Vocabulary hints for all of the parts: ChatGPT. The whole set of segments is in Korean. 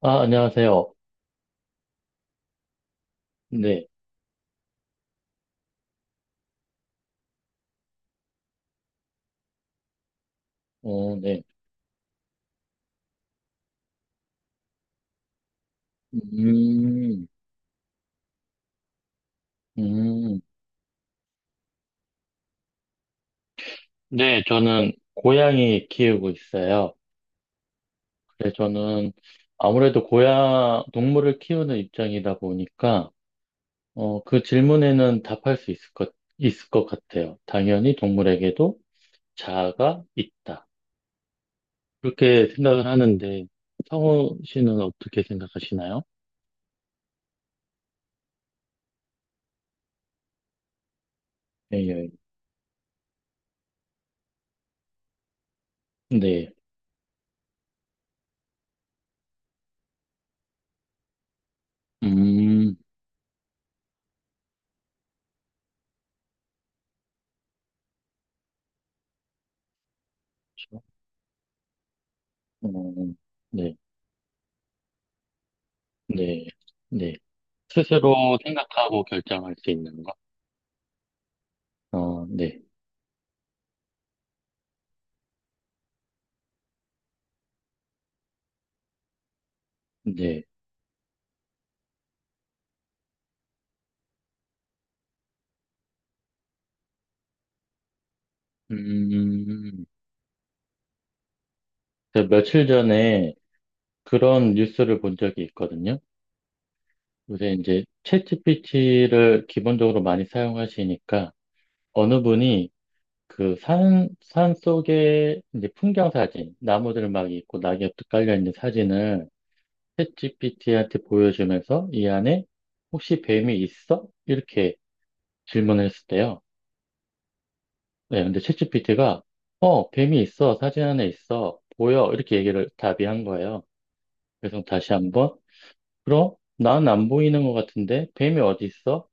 아, 안녕하세요. 네, 어, 네. 음, 음. 네, 저는 고양이 키우고 있어요. 그래서 저는 아무래도 동물을 키우는 입장이다 보니까, 어, 그 질문에는 답할 수 있을 것, 있을 것 같아요. 당연히 동물에게도 자아가 있다, 그렇게 생각을 하는데, 성우 씨는 어떻게 생각하시나요? 네, 네. 네. 음, 그렇죠. 어, 네. 네, 네. 스스로 생각하고 결정할 수 있는 거? 어, 네, 네. 음, 제가 며칠 전에 그런 뉴스를 본 적이 있거든요. 요새 이제 챗GPT를 기본적으로 많이 사용하시니까 어느 분이 그 산 속에 이제 풍경 사진, 나무들 막 있고 낙엽도 깔려 있는 사진을 챗GPT한테 보여주면서 이 안에 혹시 뱀이 있어? 이렇게 질문을 했을 때요. 네, 근데 챗GPT가 어, 뱀이 있어. 사진 안에 있어. 보여. 이렇게 얘기를 답이한 거예요. 그래서 다시 한번, 그럼 난 안 보이는 것 같은데 뱀이 어디 있어?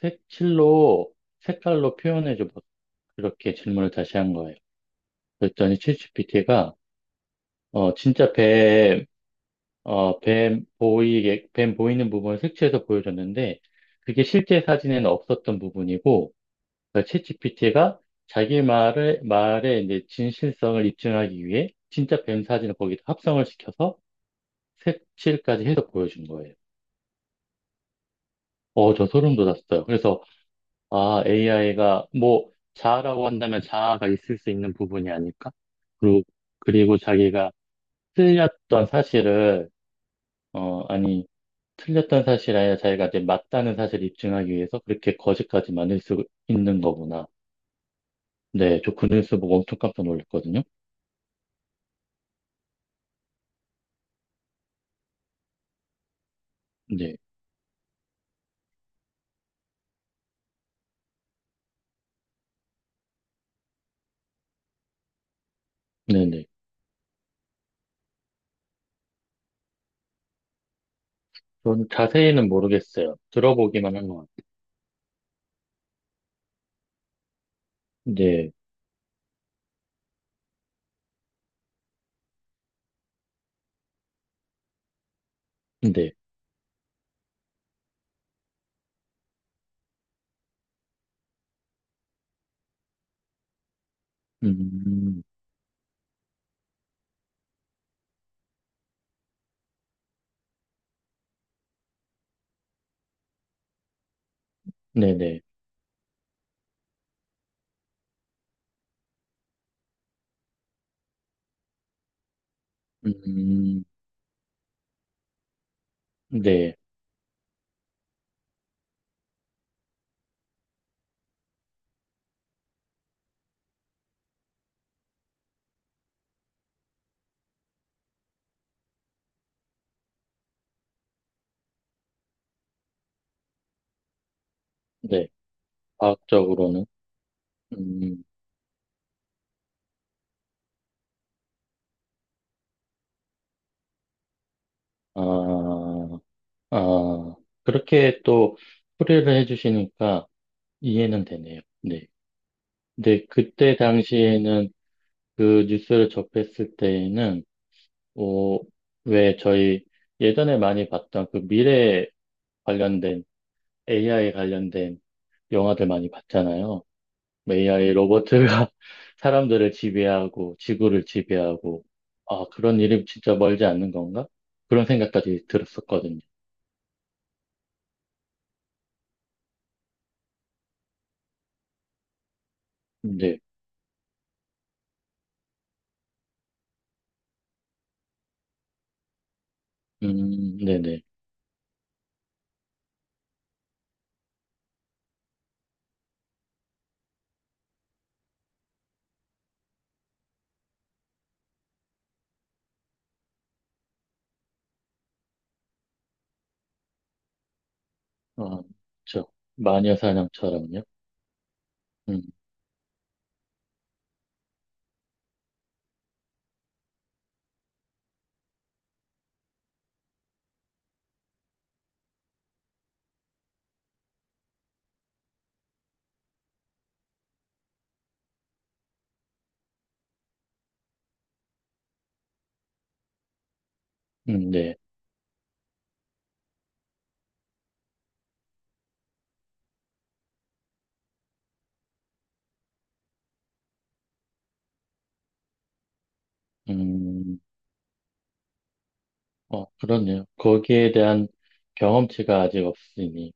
색칠로, 색깔로 표현해줘. 봐. 이렇게 질문을 다시 한 거예요. 그랬더니 챗GPT가 어, 진짜 뱀 보이는 부분을 색칠해서 보여줬는데, 그게 실제 사진에는 없었던 부분이고, 그러니까 챗 PT 가 자기 말의 이제 진실성을 입증하기 위해 진짜 뱀 사진을 거기다 합성을 시켜서 색칠까지 해서 보여준 거예요. 어, 저 소름 돋았어요. 그래서, 아, AI가 뭐, 자아라고 한다면 자아가 있을 수 있는 부분이 아닐까? 그리고, 그리고 자기가 틀렸던 사실을, 어, 아니, 틀렸던 사실이 아니라 자기가 이제 맞다는 사실을 입증하기 위해서 그렇게 거짓까지 만들 수 있는 거구나. 네, 저 그 뉴스 보고 엄청 깜짝 놀랐거든요. 네, 네네. 전 자세히는 모르겠어요. 들어보기만 한 것 같아요. 네, 네, 음, 네네, 음, 네, 네. 과학적으로는, 음, 아, 아, 그렇게 또 풀이를 해주시니까 이해는 되네요. 네. 근데 그때 당시에는, 그 뉴스를 접했을 때에는, 어, 왜 저희 예전에 많이 봤던 그 미래 관련된, AI 관련된 영화들 많이 봤잖아요. AI 로버트가 사람들을 지배하고 지구를 지배하고, 아 그런 일이 진짜 멀지 않는 건가? 그런 생각까지 들었었거든요. 네, 네네. 어, 저 마녀 사냥처럼요. 음, 네. 음, 어, 그렇네요. 거기에 대한 경험치가 아직 없으니,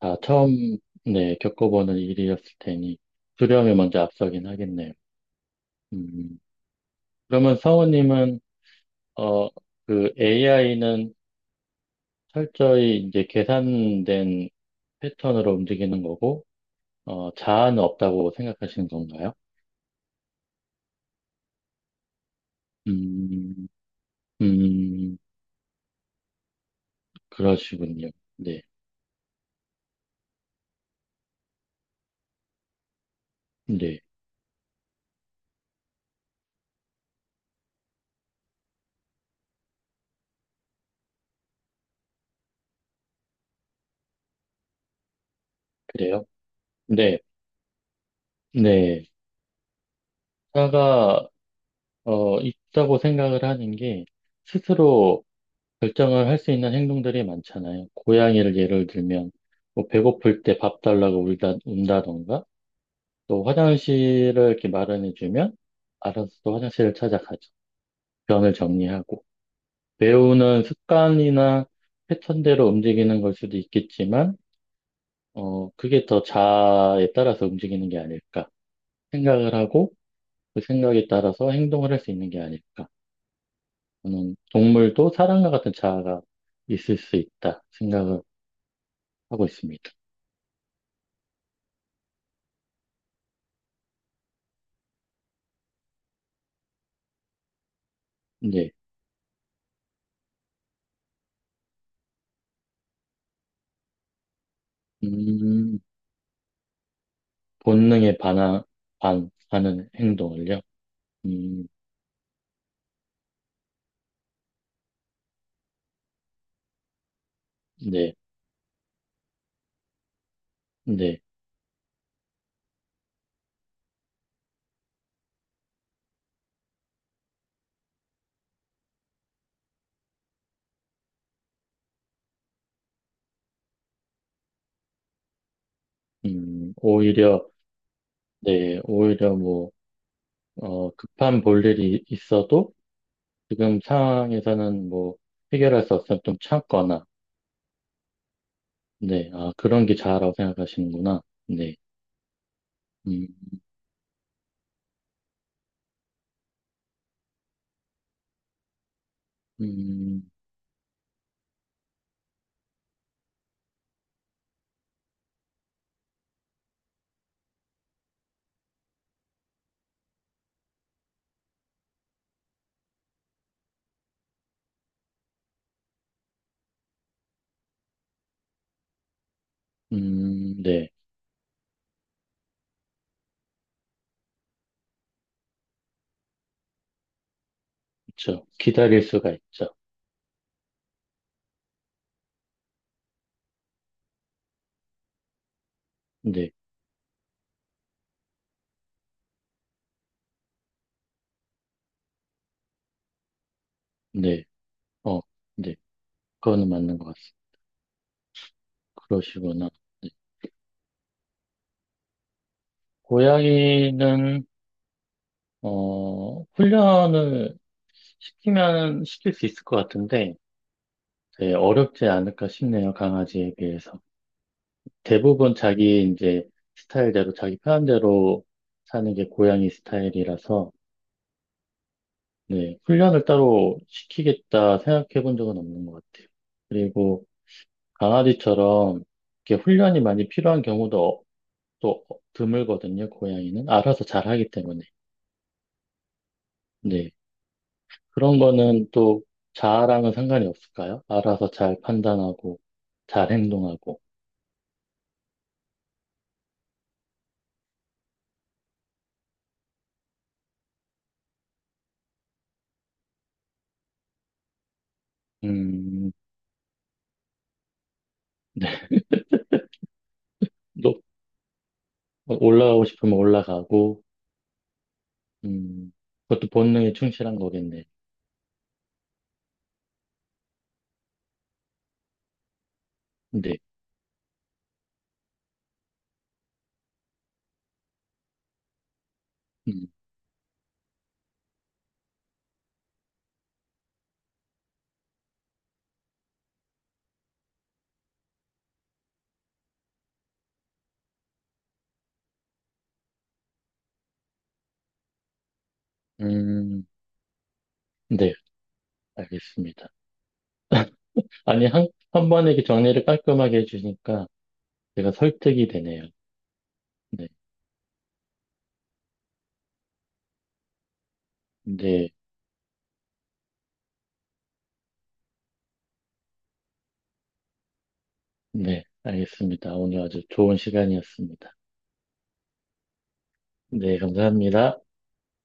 다 처음, 네 겪어보는 일이었을 테니 두려움이 먼저 앞서긴 하겠네요. 음, 그러면 성우님은 어 그 AI는 철저히 이제 계산된 패턴으로 움직이는 거고, 어, 자아는 없다고 생각하시는 건가요? 음, 음, 그러시군요. 네, 네, 그래요? 네, 네. 자아가, 어, 있다고 생각을 하는 게, 스스로 결정을 할 수 있는 행동들이 많잖아요. 고양이를 예를 들면, 뭐 배고플 때 밥 달라고 운다던가, 또 화장실을 이렇게 마련해주면, 알아서 또 화장실을 찾아가죠. 변을 정리하고. 배우는 습관이나 패턴대로 움직이는 걸 수도 있겠지만, 어, 그게 더 자아에 따라서 움직이는 게 아닐까. 생각을 하고 그 생각에 따라서 행동을 할 수 있는 게 아닐까. 저는 동물도 사람과 같은 자아가 있을 수 있다 생각을 하고 있습니다. 네. 음, 본능에 반하, 하는 행동을요. 음, 네, 네. 오히려, 네, 오히려 뭐, 어, 급한 볼일이 있어도 지금 상황에서는 뭐 해결할 수 없으면 좀 참거나, 네, 아, 그런 게 자아라고 생각하시는구나. 네, 음, 음, 네, 그렇죠. 기다릴 수가 있죠. 네, 네, 어, 네, 그거는 맞는 것 같습니다. 그러시구나. 네. 고양이는 어, 훈련을 시키면 시킬 수 있을 것 같은데, 네, 어렵지 않을까 싶네요. 강아지에 비해서. 대부분 자기 이제 스타일대로, 자기 편한 대로 사는 게 고양이 스타일이라서, 네, 훈련을 따로 시키겠다 생각해 본 적은 없는 것 같아요. 그리고 강아지처럼 이렇게 훈련이 많이 필요한 경우도 어- 또 어- 드물거든요, 고양이는. 알아서 잘 하기 때문에. 네, 그런 거는 또 자아랑은 상관이 없을까요? 알아서 잘 판단하고, 잘 행동하고, 음, 높- 올라가고 싶으면 올라가고, 음, 그것도 본능에 충실한 거겠네. 네, 음, 음, 네, 알겠습니다. 아니, 한 번에 이렇게 정리를 깔끔하게 해주니까 제가 설득이 되네요. 네, 네, 네, 알겠습니다. 오늘 아주 좋은 시간이었습니다. 네, 감사합니다.